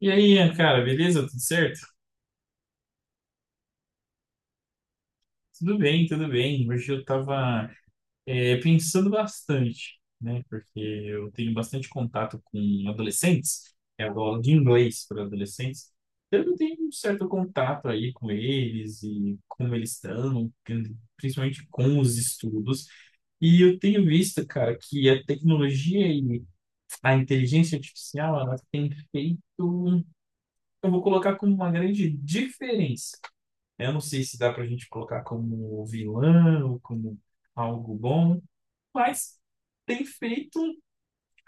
E aí, Ian, cara, beleza? Tudo certo? Tudo bem, tudo bem. Hoje eu tava, pensando bastante, né? Porque eu tenho bastante contato com adolescentes, é aula de inglês para adolescentes. Então eu tenho um certo contato aí com eles e como eles estão, principalmente com os estudos. E eu tenho visto, cara, que a tecnologia e a inteligência artificial, ela tem feito, eu vou colocar como uma grande diferença. Eu não sei se dá pra gente colocar como vilão ou como algo bom, mas tem feito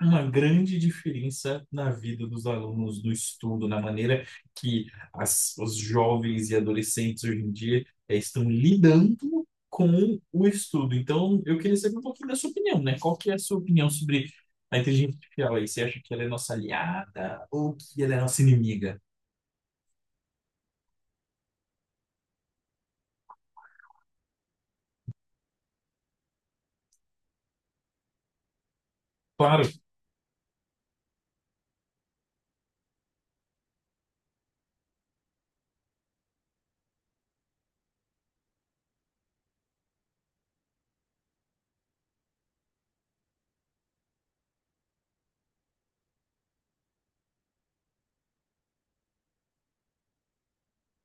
uma grande diferença na vida dos alunos, no estudo, na maneira que os jovens e adolescentes hoje em dia estão lidando com o estudo. Então, eu queria saber um pouquinho da sua opinião, né? Qual que é a sua opinião sobre a inteligência artificial aí? Você acha que ela é nossa aliada ou que ela é nossa inimiga? Claro,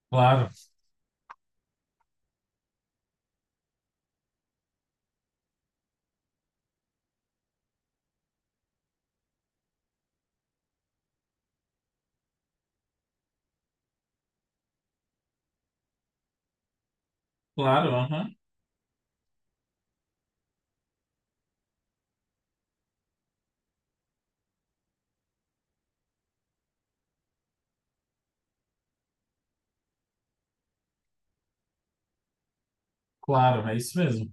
claro, claro, aham, claro, é isso mesmo.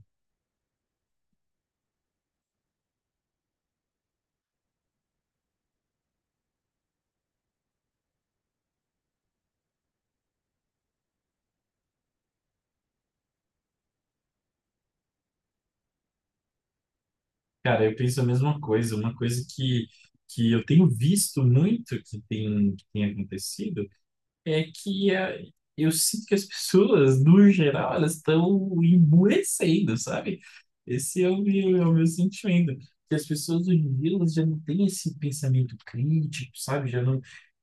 Cara, eu penso a mesma coisa. Uma coisa que, eu tenho visto muito que tem acontecido é que eu sinto que as pessoas, no geral, elas estão emburrecendo, sabe? Esse é o meu sentimento. Que as pessoas hoje em dia elas já não têm esse pensamento crítico, sabe? Já não,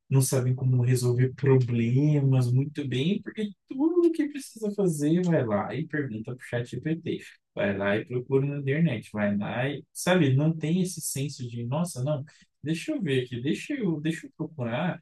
não sabem como resolver problemas muito bem, porque tudo que precisa fazer vai lá e pergunta pro ChatGPT, vai lá e procura na internet, vai lá e, sabe, não tem esse senso de, nossa, não, deixa eu ver aqui, deixa eu, procurar,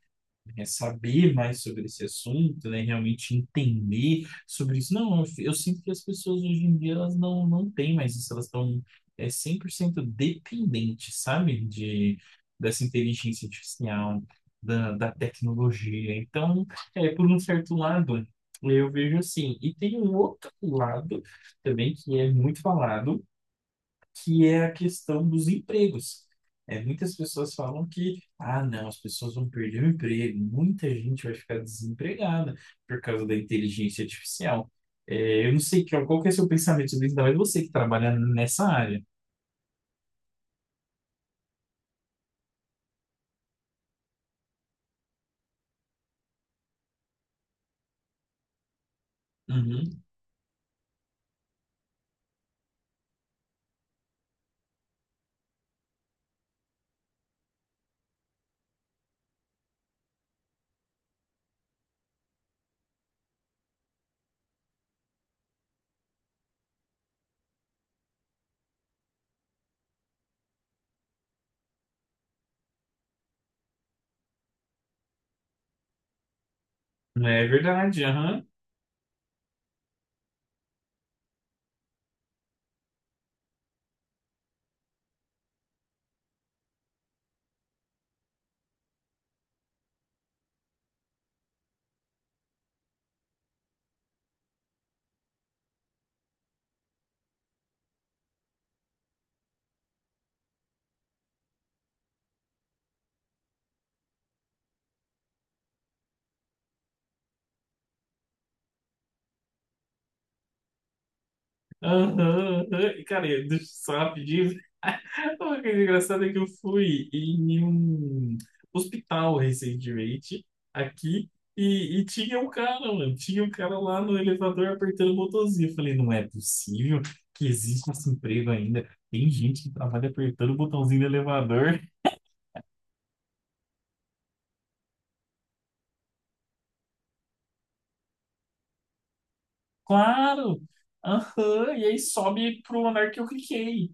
é, saber mais sobre esse assunto, né? Realmente entender sobre isso. Não, eu sinto que as pessoas hoje em dia elas não, não têm mais isso, elas estão, é, 100% dependentes, sabe? De, dessa inteligência artificial, da, da tecnologia. Então, é, por um certo lado, eu vejo assim. E tem um outro lado também que é muito falado, que é a questão dos empregos. É, muitas pessoas falam que, ah, não, as pessoas vão perder o emprego, muita gente vai ficar desempregada por causa da inteligência artificial. É, eu não sei que, qual que é o seu pensamento sobre isso, ainda mais você que trabalha nessa área. Uhum. É verdade, aham. Aham, aham. E, cara, eu- deixa eu só rapidinho, o que é engraçado é que eu fui em um hospital recentemente, aqui, e tinha um cara, mano, tinha um cara lá no elevador apertando o botãozinho. Eu falei, não é possível que exista esse emprego ainda. Tem gente que trabalha apertando o botãozinho do elevador. Claro! Aham, e aí sobe pro andar que eu cliquei.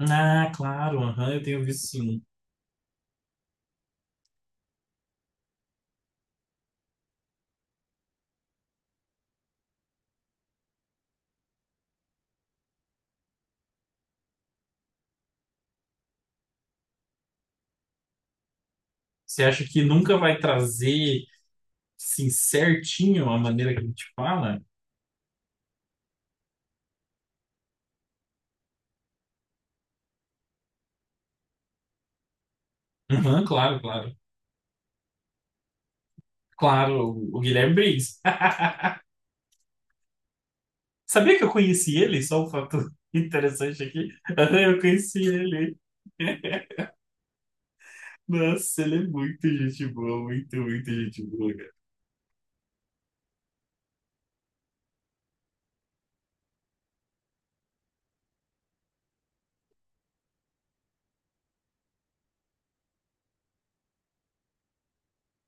Ah, claro, aham, eu tenho visto sim. Você acha que nunca vai trazer, assim, certinho a maneira que a gente fala? Aham, claro, claro. Claro, o Guilherme Briggs. Sabia que eu conheci ele? Só um fato interessante aqui. Eu conheci ele. Nossa, ele é muito gente boa, muito, muito gente boa, cara.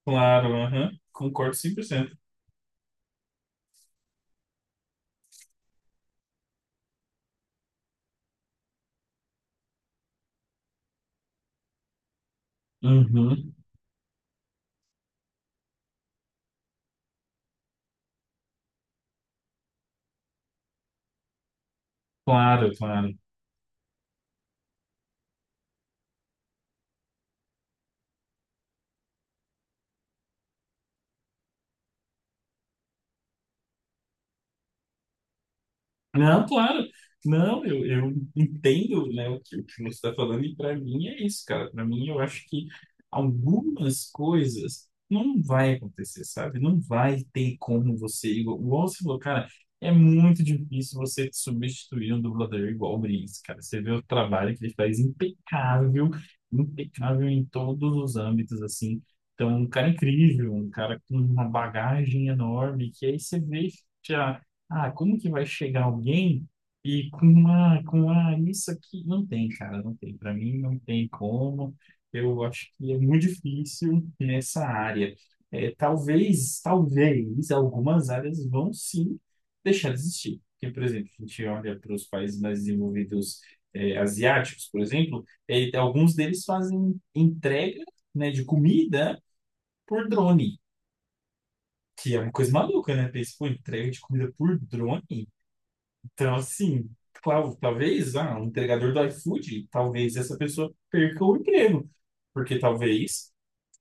Claro, aham. Concordo 100%. Uhum. Claro, claro. Não, claro. Não, eu entendo, né, o que, você está falando, e para mim é isso, cara. Para mim, eu acho que algumas coisas não vai acontecer, sabe? Não vai ter como você, igual, você falou, cara, é muito difícil você substituir um dublador igual o Briggs, cara. Você vê o trabalho que ele faz impecável, impecável em todos os âmbitos, assim. Então, um cara incrível, um cara com uma bagagem enorme, que aí você vê. Ah, como que vai chegar alguém e com uma, isso aqui não tem, cara, não tem. Para mim não tem como. Eu acho que é muito difícil nessa área. É, talvez, talvez algumas áreas vão sim deixar de existir. Porque, por exemplo, a gente olha para os países mais desenvolvidos, é, asiáticos, por exemplo, é, alguns deles fazem entrega, né, de comida por drone, que é uma coisa maluca, né? Pensa, pô, entrega de comida por drone? Então, assim, claro, talvez ah, um entregador do iFood, talvez essa pessoa perca o emprego, porque talvez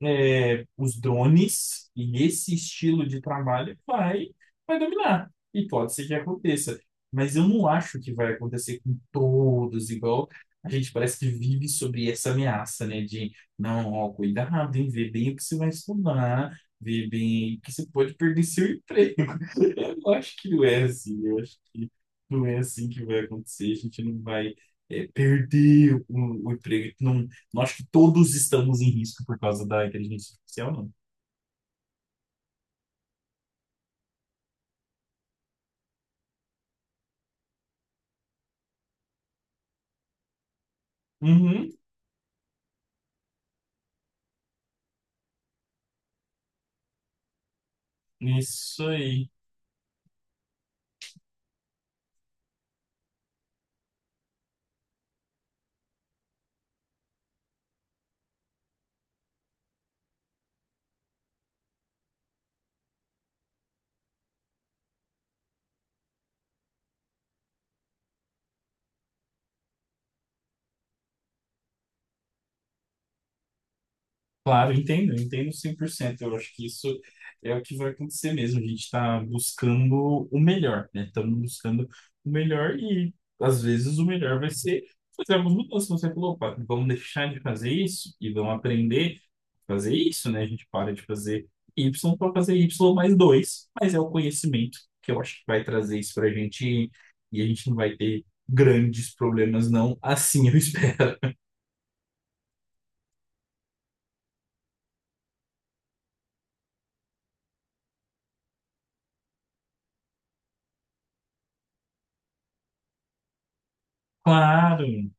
é, os drones e esse estilo de trabalho vai, vai dominar. E pode ser que aconteça. Mas eu não acho que vai acontecer com todos, igual a gente parece que vive sobre essa ameaça, né? De, não, ó, cuidado, hein? Vê bem o que você vai estudar, vê bem que você pode perder seu emprego. Eu acho que não é assim, eu acho que não é assim que vai acontecer, a gente não vai, é, perder o emprego. Não, não acho que todos estamos em risco por causa da inteligência artificial, não. Uhum, isso aí. Claro, eu entendo cem por cento. Eu acho que isso é o que vai acontecer mesmo. A gente está buscando o melhor, né? Estamos buscando o melhor e, às vezes, o melhor vai ser fazer algumas mudanças. Você falou, opa, vamos deixar de fazer isso e vamos aprender a fazer isso, né? A gente para de fazer Y para fazer Y mais dois, mas é o conhecimento que eu acho que vai trazer isso para a gente e a gente não vai ter grandes problemas, não. Assim eu espero. Claro.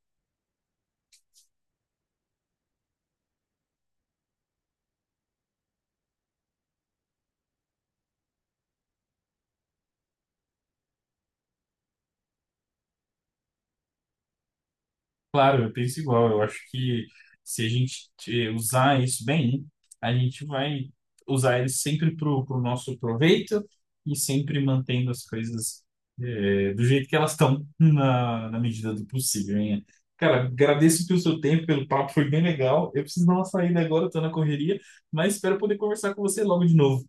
Claro, eu penso igual. Eu acho que se a gente usar isso bem, a gente vai usar ele sempre para o nosso proveito e sempre mantendo as coisas do jeito que elas estão, na, na medida do possível, hein? Cara, agradeço pelo seu tempo, pelo papo, foi bem legal. Eu preciso dar uma saída agora, estou na correria, mas espero poder conversar com você logo de novo.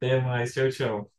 Até mais, tchau, tchau.